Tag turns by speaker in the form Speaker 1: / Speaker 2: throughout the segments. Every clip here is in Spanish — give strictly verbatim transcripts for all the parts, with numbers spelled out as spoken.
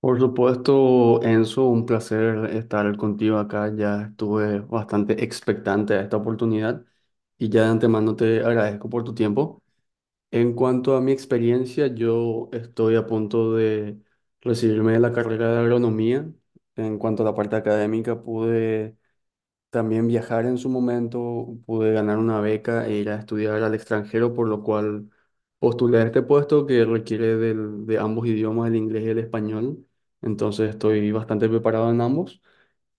Speaker 1: Por supuesto, Enzo, un placer estar contigo acá. Ya estuve bastante expectante a esta oportunidad y ya de antemano te agradezco por tu tiempo. En cuanto a mi experiencia, yo estoy a punto de recibirme de la carrera de agronomía. En cuanto a la parte académica, pude también viajar en su momento, pude ganar una beca e ir a estudiar al extranjero, por lo cual postulé a este puesto que requiere del- de ambos idiomas, el inglés y el español. Entonces estoy bastante preparado en ambos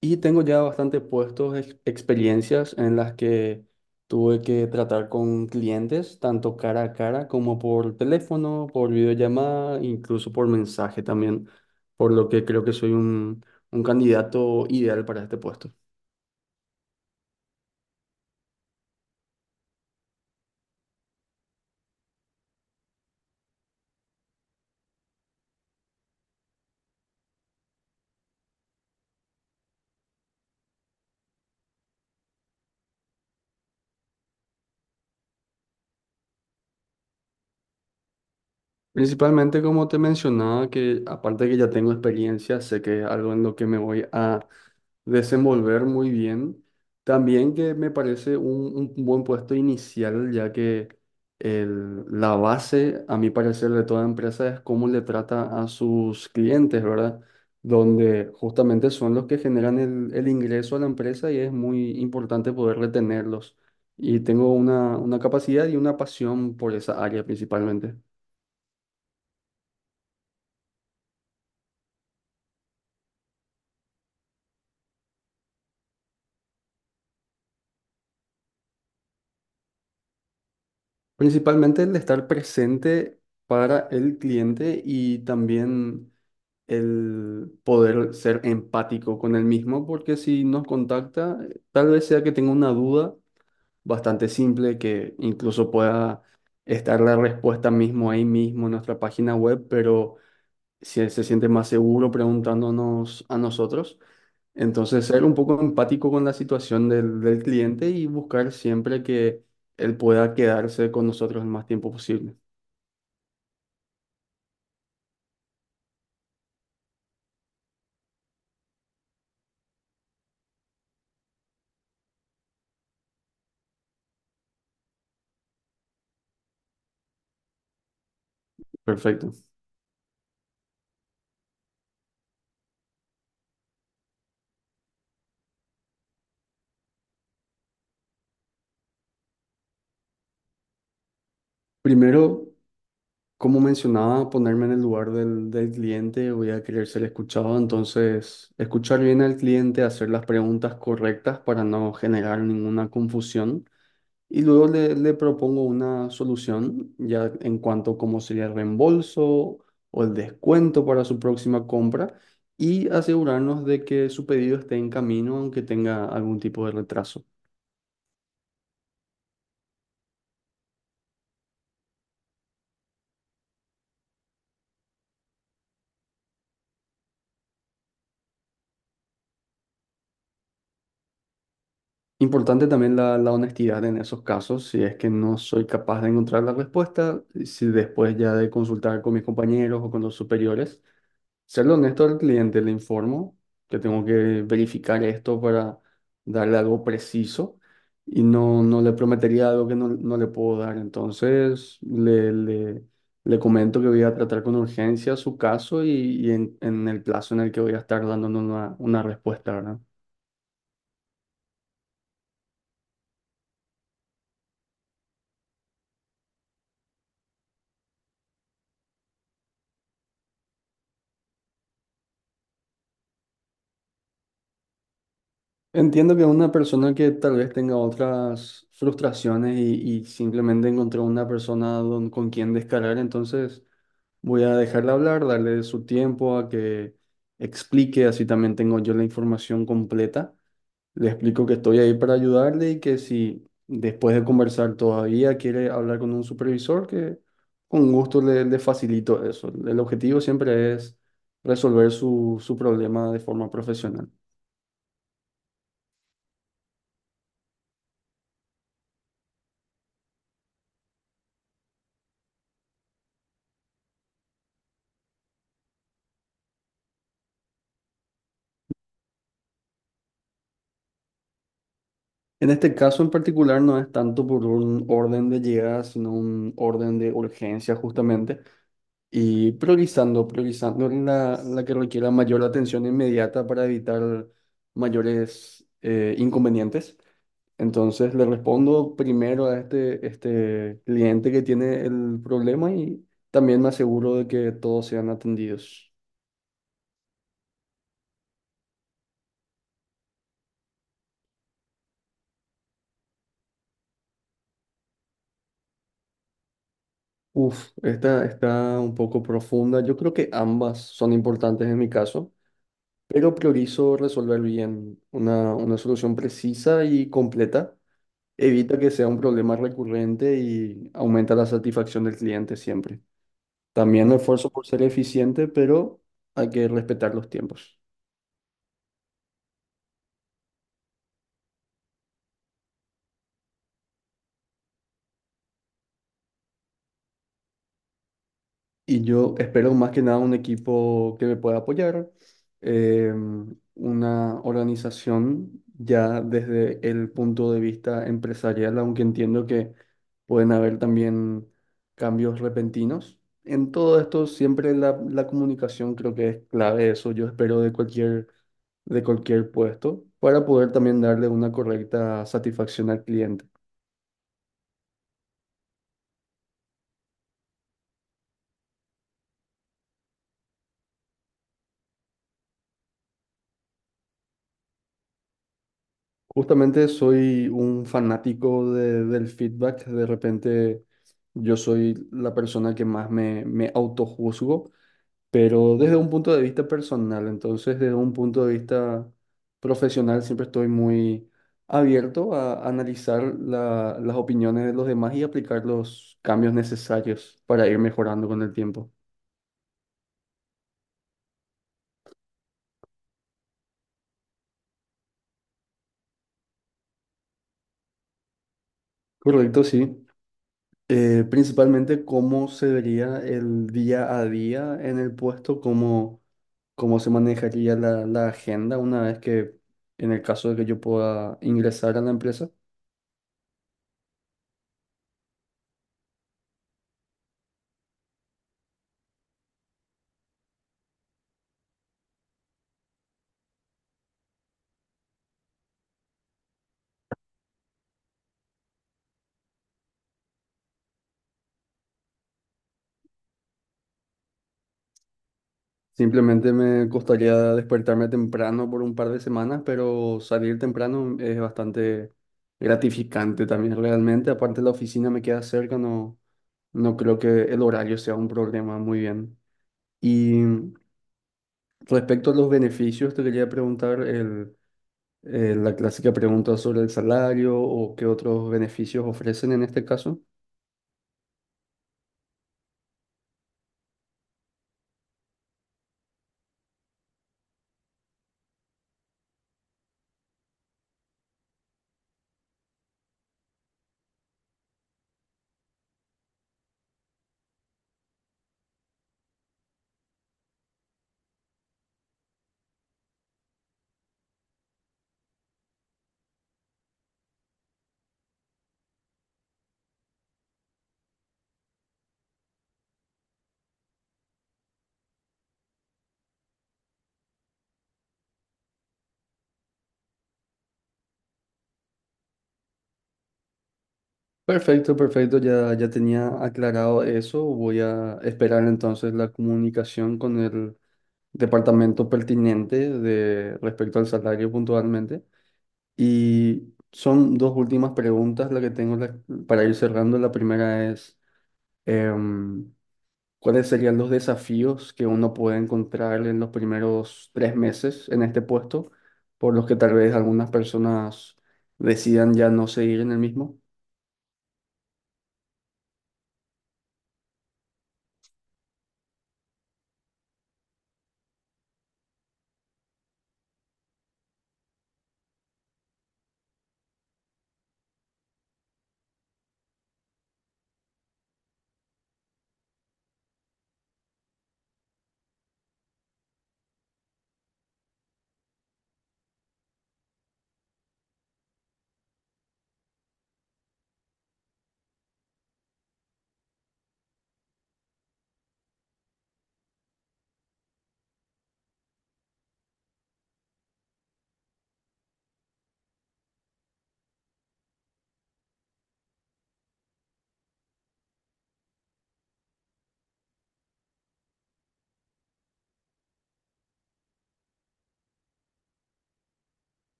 Speaker 1: y tengo ya bastantes puestos, ex- experiencias en las que tuve que tratar con clientes, tanto cara a cara como por teléfono, por videollamada, incluso por mensaje también, por lo que creo que soy un un candidato ideal para este puesto. Principalmente, como te mencionaba, que aparte de que ya tengo experiencia, sé que es algo en lo que me voy a desenvolver muy bien. También que me parece un, un buen puesto inicial, ya que el- la base, a mi parecer, de toda empresa es cómo le trata a sus clientes, ¿verdad? Donde justamente son los que generan el, el ingreso a la empresa y es muy importante poder retenerlos. Y tengo una, una capacidad y una pasión por esa área principalmente. Principalmente el estar presente para el cliente y también el poder ser empático con el mismo, porque si nos contacta, tal vez sea que tenga una duda bastante simple, que incluso pueda estar la respuesta mismo ahí mismo en nuestra página web, pero si él se siente más seguro preguntándonos a nosotros. Entonces, ser un poco empático con la situación del, del cliente y buscar siempre que él pueda quedarse con nosotros el más tiempo posible. Perfecto. Primero, como mencionaba, ponerme en el lugar del, del cliente, voy a querer ser escuchado, entonces escuchar bien al cliente, hacer las preguntas correctas para no generar ninguna confusión. Y luego le, le propongo una solución ya en cuanto a cómo sería el reembolso o el descuento para su próxima compra y asegurarnos de que su pedido esté en camino aunque tenga algún tipo de retraso. Importante también la, la honestidad en esos casos, si es que no soy capaz de encontrar la respuesta, si después ya de consultar con mis compañeros o con los superiores. Serle honesto al cliente, le informo que tengo que verificar esto para darle algo preciso y no, no le prometería algo que no, no le puedo dar. Entonces, le, le, le comento que voy a tratar con urgencia su caso y, y en, en el plazo en el que voy a estar dando una, una respuesta, ¿verdad? Entiendo que una persona que tal vez tenga otras frustraciones y, y simplemente encontró una persona don- con quien descargar, entonces voy a dejarle hablar, darle su tiempo a que explique, así también tengo yo la información completa. Le explico que estoy ahí para ayudarle y que si después de conversar todavía quiere hablar con un supervisor, que con gusto le, le facilito eso. El objetivo siempre es resolver su, su problema de forma profesional. En este caso en particular no es tanto por un orden de llegada, sino un orden de urgencia justamente, y priorizando, priorizando la, la que requiera mayor atención inmediata para evitar mayores eh, inconvenientes. Entonces le respondo primero a este, este cliente que tiene el problema y también me aseguro de que todos sean atendidos. Uf, esta está un poco profunda. Yo creo que ambas son importantes en mi caso, pero priorizo resolver bien una, una solución precisa y completa. Evita que sea un problema recurrente y aumenta la satisfacción del cliente siempre. También me esfuerzo por ser eficiente, pero hay que respetar los tiempos. Y yo espero más que nada un equipo que me pueda apoyar, eh, una organización ya desde el punto de vista empresarial, aunque entiendo que pueden haber también cambios repentinos. En todo esto siempre la, la comunicación creo que es clave, eso yo espero de cualquier, de cualquier puesto, para poder también darle una correcta satisfacción al cliente. Justamente soy un fanático de- del feedback. De repente yo soy la persona que más me, me autojuzgo, pero desde un punto de vista personal. Entonces, desde un punto de vista profesional, siempre estoy muy abierto a analizar la- las opiniones de los demás y aplicar los cambios necesarios para ir mejorando con el tiempo. Correcto, sí. Eh, principalmente cómo se vería el día a día en el puesto, como cómo se manejaría la, la agenda una vez que, en el caso de que yo pueda ingresar a la empresa. Simplemente me costaría despertarme temprano por un par de semanas, pero salir temprano es bastante gratificante también realmente. Aparte la oficina me queda cerca, no, no creo que el horario sea un problema. Muy bien. Y respecto a los beneficios, te quería preguntar el, eh, la clásica pregunta sobre el salario o qué otros beneficios ofrecen en este caso. Perfecto, perfecto, ya, ya tenía aclarado eso. Voy a esperar entonces la comunicación con el departamento pertinente de respecto al salario puntualmente. Y son dos últimas preguntas las que tengo la- para ir cerrando. La primera es, em, ¿cuáles serían los desafíos que uno puede encontrar en los primeros tres meses en este puesto, por los que tal vez algunas personas decidan ya no seguir en el mismo?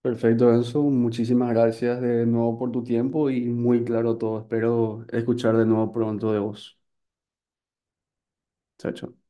Speaker 1: Perfecto, Enzo. Muchísimas gracias de nuevo por tu tiempo y muy claro todo. Espero escuchar de nuevo pronto de vos. Chao, chao.